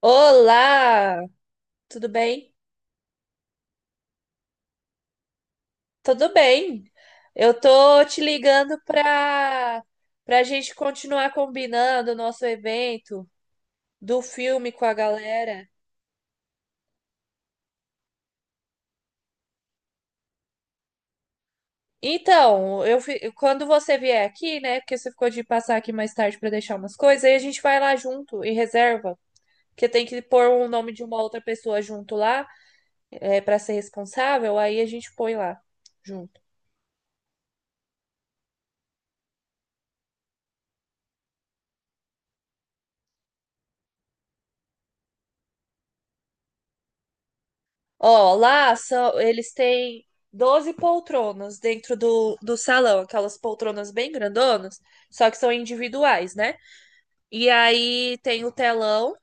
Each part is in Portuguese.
Olá, tudo bem? Tudo bem. Eu tô te ligando para a gente continuar combinando o nosso evento do filme com a galera. Então, quando você vier aqui, né? Porque você ficou de passar aqui mais tarde para deixar umas coisas, aí a gente vai lá junto e reserva, porque tem que pôr o nome de uma outra pessoa junto lá, é, para ser responsável. Aí a gente põe lá junto. Ó, eles têm 12 poltronas dentro do salão, aquelas poltronas bem grandonas, só que são individuais, né? E aí tem o telão,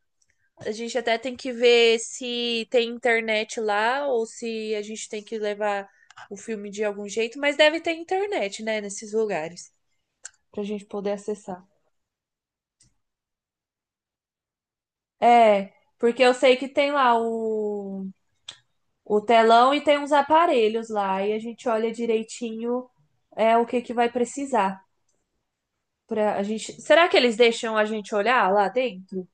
a gente até tem que ver se tem internet lá ou se a gente tem que levar o filme de algum jeito, mas deve ter internet, né, nesses lugares, pra gente poder acessar. É, porque eu sei que tem lá o telão e tem uns aparelhos lá e a gente olha direitinho é o que que vai precisar para a gente. Será que eles deixam a gente olhar lá dentro?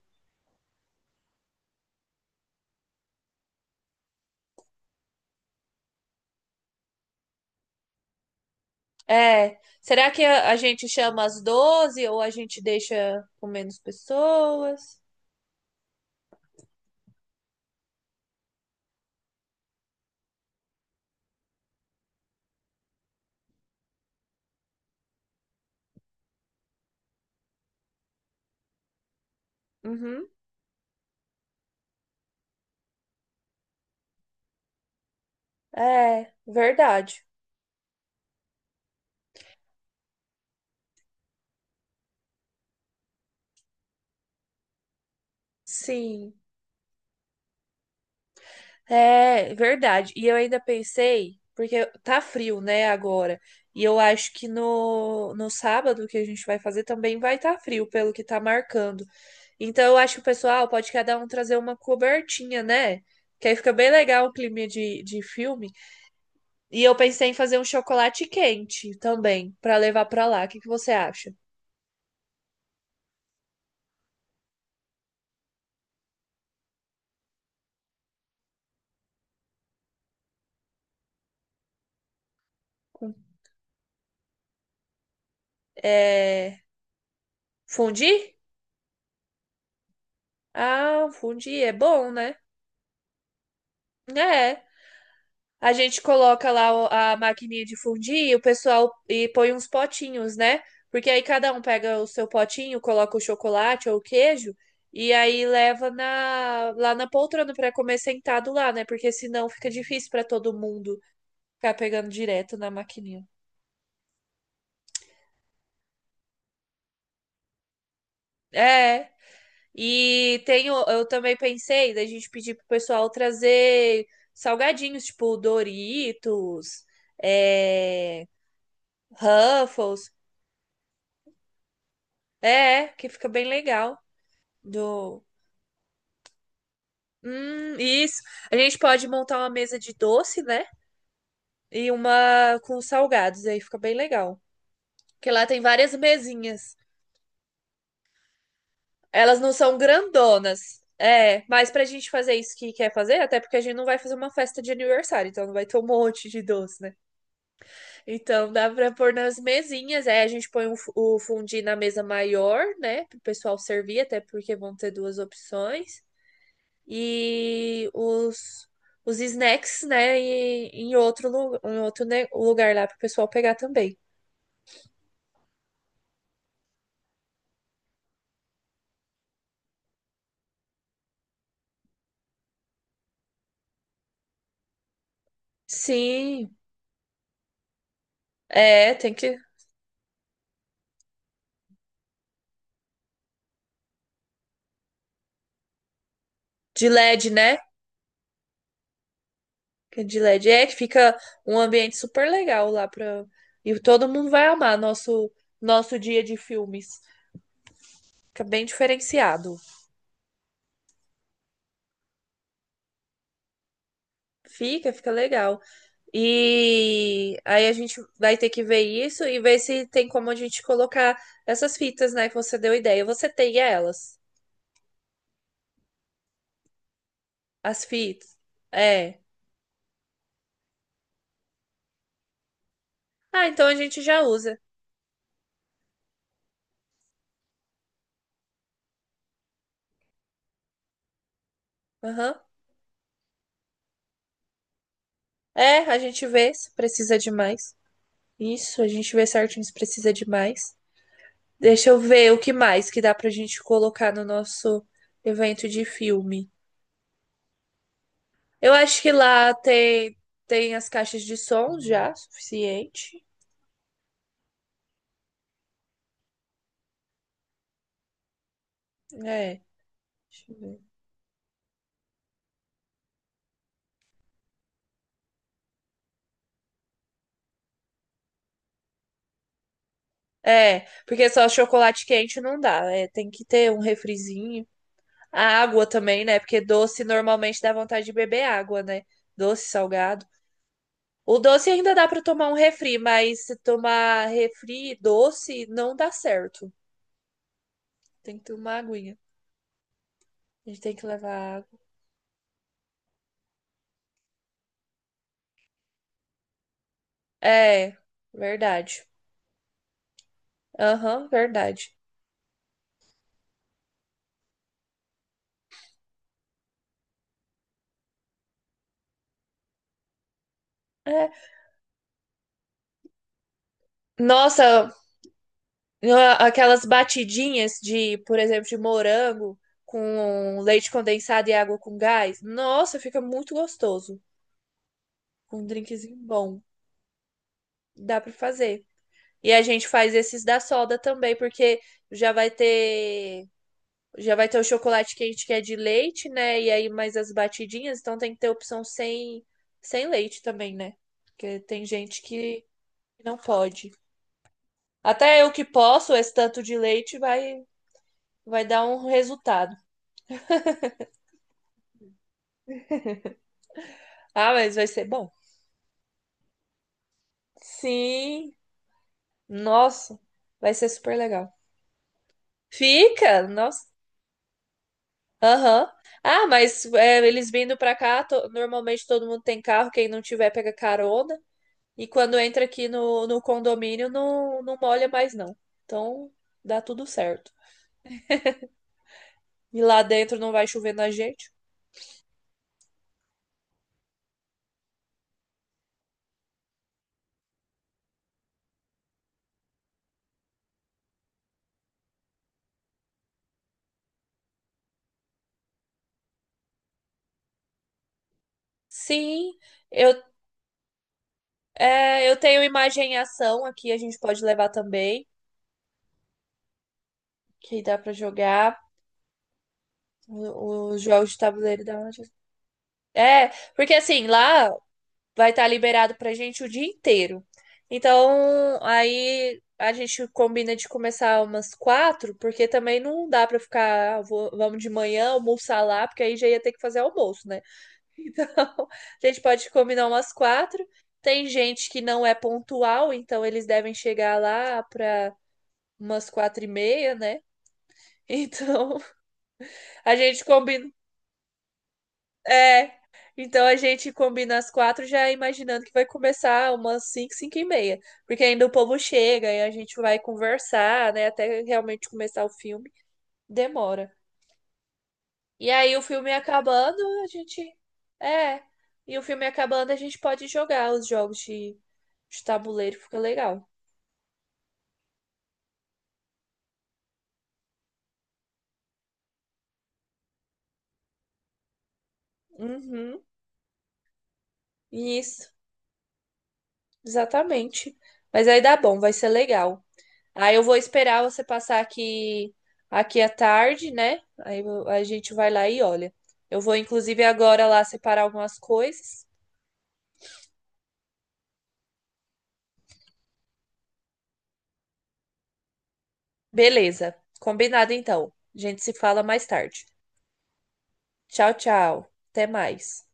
É, será que a gente chama as 12 ou a gente deixa com menos pessoas? Uhum. É, verdade. Sim, é verdade. E eu ainda pensei, porque tá frio, né, agora. E eu acho que no sábado que a gente vai fazer também vai estar frio, pelo que tá marcando. Então eu acho que o pessoal pode cada um trazer uma cobertinha, né? Que aí fica bem legal o clima de filme. E eu pensei em fazer um chocolate quente também, pra levar pra lá. O que que você acha? Com- É. Fundi? Ah, fundi é bom, né? É. A gente coloca lá a maquininha de fundir e o pessoal e põe uns potinhos, né? Porque aí cada um pega o seu potinho, coloca o chocolate ou o queijo e aí leva lá na poltrona para comer sentado lá, né? Porque senão fica difícil para todo mundo ficar pegando direto na maquininha. É. E tem, eu também pensei da gente pedir pro pessoal trazer salgadinhos, tipo Doritos, é, Ruffles. É, que fica bem legal. Do. Isso. A gente pode montar uma mesa de doce, né? E uma com salgados, aí fica bem legal. Porque lá tem várias mesinhas. Elas não são grandonas. É, mas pra gente fazer isso que quer fazer, até porque a gente não vai fazer uma festa de aniversário, então não vai ter um monte de doce, né? Então dá pra pôr nas mesinhas, aí a gente põe o fondue na mesa maior, né? Pro pessoal servir, até porque vão ter duas opções. E os snacks, né, e- em outro, lu- em outro ne- lugar lá para o pessoal pegar também. Sim, é, tem que. De LED, né? Que é de LED. É que fica um ambiente super legal lá pra. E todo mundo vai amar nosso dia de filmes. Fica bem diferenciado. Fica legal. E aí a gente vai ter que ver isso e ver se tem como a gente colocar essas fitas, né, que você deu ideia. Você tem elas. As fitas. É. Ah, então a gente já usa. Aham. É, a gente vê se precisa de mais. Isso, a gente vê certinho se precisa de mais. Deixa eu ver o que mais que dá pra gente colocar no nosso evento de filme. Eu acho que lá tem as caixas de som já, suficiente. É, deixa eu ver. É, porque só chocolate quente não dá. É, tem que ter um refrizinho. A água também, né? Porque doce normalmente dá vontade de beber água, né? Doce, salgado. O doce ainda dá para tomar um refri, mas se tomar refri doce não dá certo. Tem que tomar aguinha. A gente tem que levar água. É, verdade. Aham, verdade. É. Nossa, aquelas batidinhas de, por exemplo, de morango com leite condensado e água com gás. Nossa, fica muito gostoso. Com um drinkzinho bom. Dá para fazer. E a gente faz esses da soda também, porque já vai ter Já vai ter o chocolate quente que é de leite, né? E aí mais as batidinhas, então tem que ter opção sem leite também, né? Porque tem gente que não pode. Até eu que posso, esse tanto de leite vai dar um resultado. Ah, mas vai ser bom. Sim, nossa, vai ser super legal. Fica, nossa, aham. Ah, mas é, eles vindo pra cá, normalmente todo mundo tem carro, quem não tiver pega carona. E quando entra aqui no condomínio, não, não molha mais, não. Então, dá tudo certo. E lá dentro não vai chover na gente? Sim, eu, eu tenho imagem em ação aqui, a gente pode levar também, que dá pra jogar os jogos de tabuleiro da onde. É, porque assim, lá vai estar liberado pra gente o dia inteiro. Então, aí a gente combina de começar umas quatro, porque também não dá pra ficar, "Ah, vamos de manhã almoçar lá", porque aí já ia ter que fazer almoço, né? Então, a gente pode combinar umas quatro. Tem gente que não é pontual, então eles devem chegar lá pra umas 4h30, né? Então, a gente combina. É. Então a gente combina as quatro já imaginando que vai começar umas cinco, 5h30. Porque ainda o povo chega e a gente vai conversar, né? Até realmente começar o filme. Demora. E aí o filme acabando, a gente. É. E o filme acabando, a gente pode jogar os jogos de tabuleiro, fica legal. Uhum. Isso, exatamente. Mas aí dá bom, vai ser legal. Aí eu vou esperar você passar aqui à tarde, né? Aí a gente vai lá e olha. Eu vou, inclusive, agora lá separar algumas coisas. Beleza, combinado então. A gente se fala mais tarde. Tchau, tchau. Até mais.